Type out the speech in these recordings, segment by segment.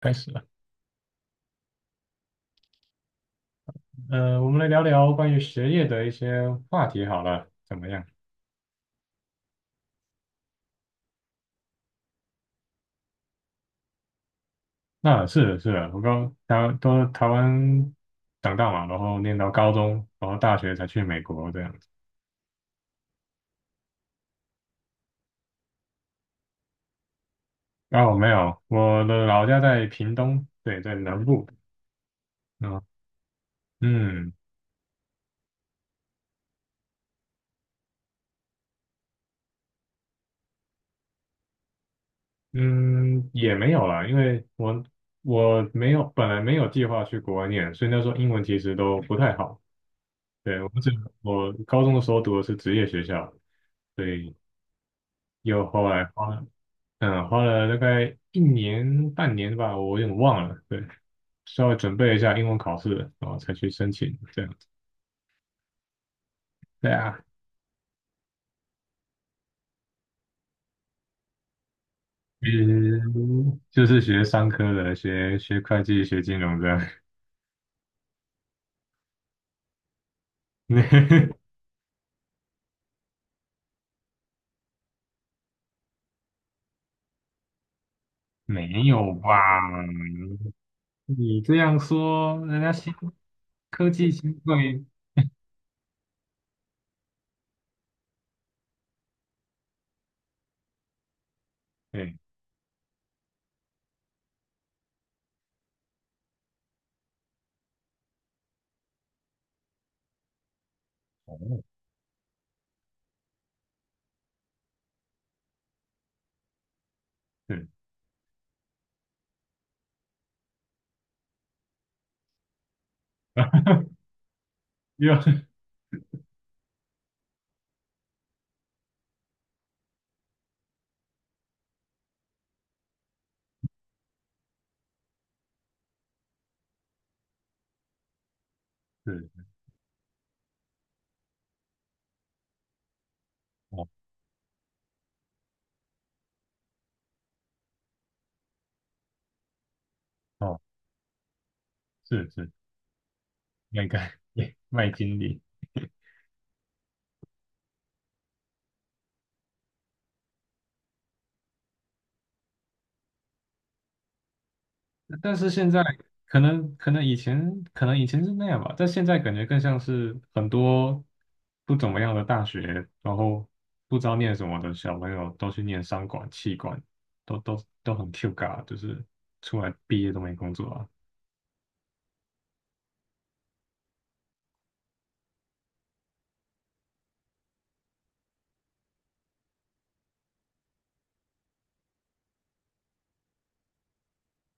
开始了，我们来聊聊关于学业的一些话题好了，怎么样？那是的，是的，我刚台都台湾长大嘛，然后念到高中，然后大学才去美国这样子。哦，没有，我的老家在屏东，对，在南部。嗯嗯嗯，也没有啦，因为我我没有本来没有计划去国外念，所以那时候英文其实都不太好。对，我只我高中的时候读的是职业学校，所以。又后来花了，嗯，花了大概一年半年吧，我有点忘了。对，稍微准备了一下英文考试，然后才去申请这样子。对啊，嗯，就是学商科的，学会计、学金融的。没有吧？你这样说，人家新科技新贵，哎，哦，对，又 是哦。哦，是是，那个 麦经理。但是现在可能，可能以前是那样吧，但现在感觉更像是很多不怎么样的大学，然后不知道念什么的小朋友都去念商管、气管，都很 Q 嘎，就是出来毕业都没工作啊。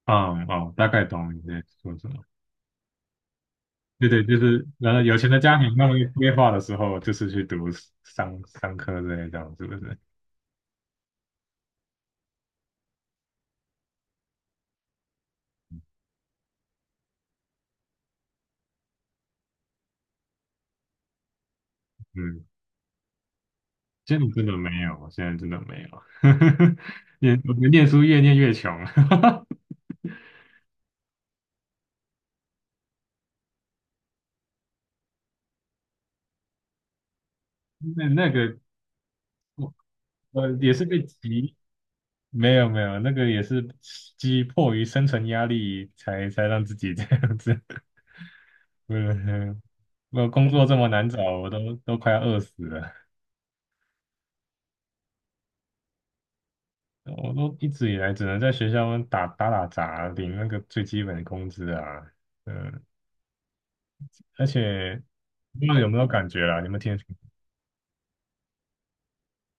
嗯哦，大概懂你在说什么。对对，就是然后有钱的家庭他们规划的时候，就是去读商科之类这样，是不是？嗯，现在真的没有，我现在真的没有。念，我们念书越念越穷。那那个我我也是被急，没有没有，那个也是逼迫于生存压力才让自己这样子。嗯，我工作这么难找，我快要饿死了。我都一直以来只能在学校打杂，领那个最基本的工资啊。嗯，而且不知道有没有感觉啦？你们听，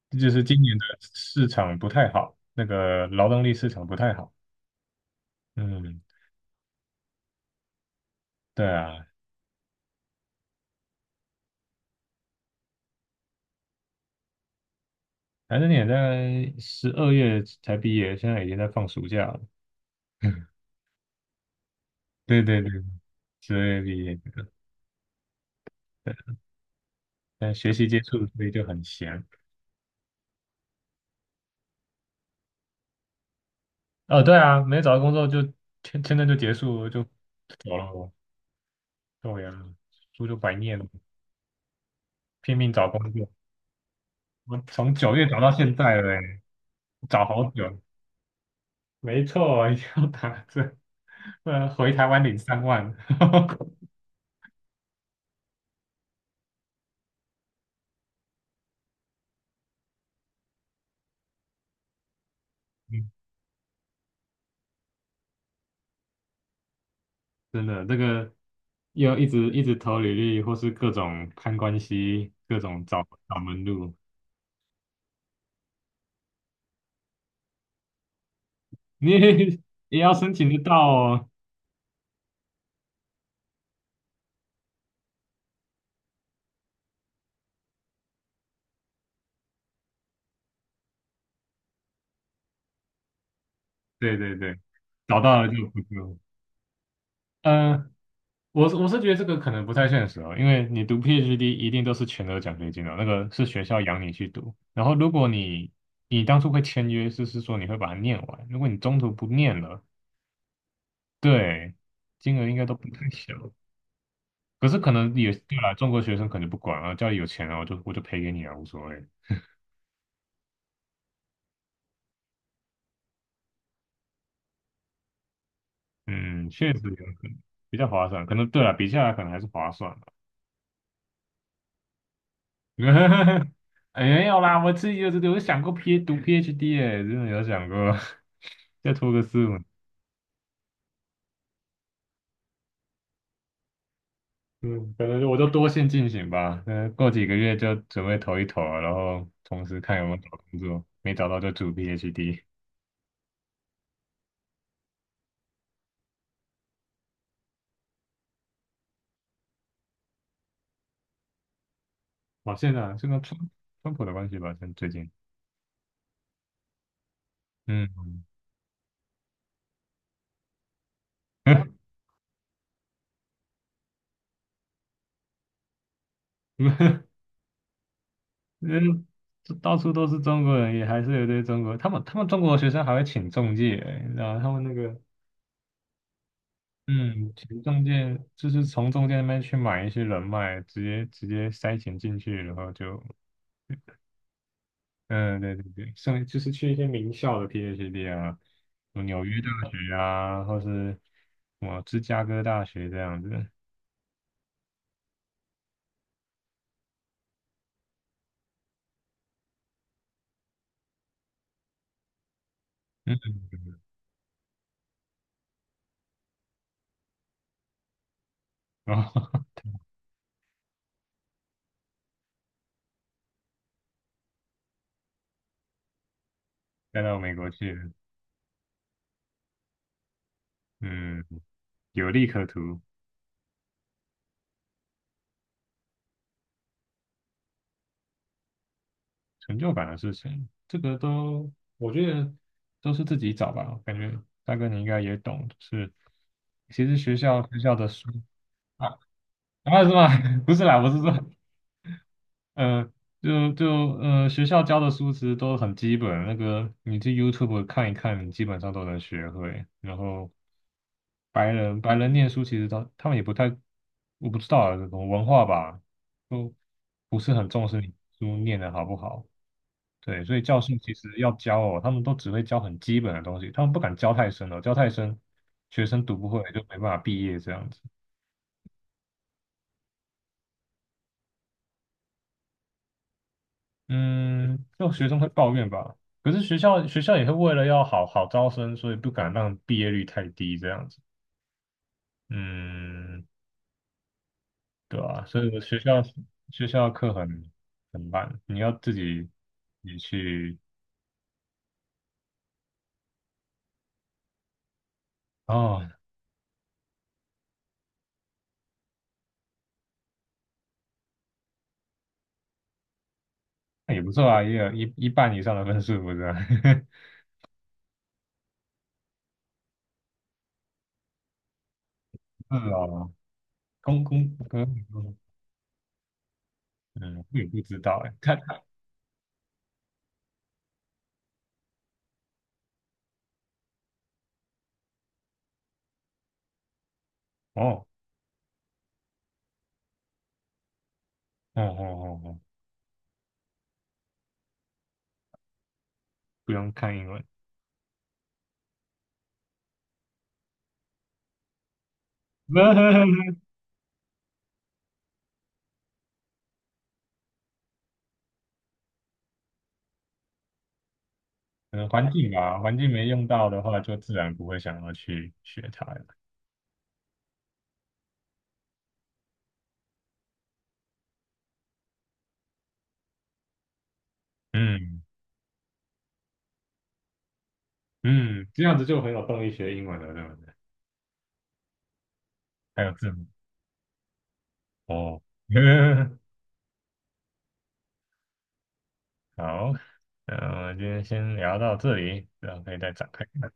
这就是今年的市场不太好，那个劳动力市场不太好。嗯，对啊，反正你也在十二月才毕业，现在已经在放暑假了。对对对，12月毕业，但学习接触所以就很闲。哦，对啊，没找到工作就签证就结束了就走了我，对呀，书就白念了，拼命找工作。我从9月找到现在了欸，找好久。没错，要打针，不然回台湾领3万。真的，这个要一直一直投履历，或是各种攀关系，各种找找门路。你 也要申请得到哦。对对对，找到了就不错。呃，我觉得这个可能不太现实哦，因为你读 PhD 一定都是全额奖学金哦，那个是学校养你去读。然后如果你你当初会签约，就是说你会把它念完，如果你中途不念了，对，金额应该都不太小。可是可能也对啦，中国学生可能就不管啊，家里有钱啊，我就赔给你啊，无所谓。嗯，确实有可能比较划算，可能对啦，比下来可能还是划算的。没有啦，我自己有想过 P 读 PhD 哎、真的有想过。再拖个四五，嗯，可能就多线进行吧。嗯，过几个月就准备投一投啊，然后同时看有没有找工作，没找到就读 PhD。哇，现在啊是跟川普的关系吧，像最近，嗯。嗯，这到处都是中国人，也还是有一堆中国。他们中国学生还会请中介，然后他们那个，嗯，请中介就是从中介那边去买一些人脉，直接直接塞钱进去，然后就，嗯，对对对，剩就是去一些名校的 PhD 啊，什么纽约大学啊，或是什么芝加哥大学这样子。嗯，然后 带到美国去了。嗯，有利可图。成就感的事情，这个都，我觉得都是自己找吧。感觉大哥你应该也懂，就是其实学校的书啊。啊是吗？不是啦，我是说，呃，就就学校教的书其实都很基本，那个你去 YouTube 看一看，你基本上都能学会。然后白人念书其实他们也不太，我不知道啊，这种文化吧，都不是很重视你书念的好不好。对，所以教训其实要教哦，他们都只会教很基本的东西，他们不敢教太深了，教太深，学生读不会就没办法毕业这样子。嗯，就学生会抱怨吧，可是学校也会为了要好好招生，所以不敢让毕业率太低这样子。嗯，对啊，所以我学校学校课很烂，你要自己你去。哦，那也不错啊，也有一半以上的分数不是啊？是啊，公公，嗯，我也不知道哎，看哦 哦哦哦哦，不用看英文。嗯，环境吧，环境没用到的话，就自然不会想要去学它了。嗯嗯，这样子就很有动力学英文了，对不对？还有字母哦，好，那我们今天先聊到这里，然后可以再展开看。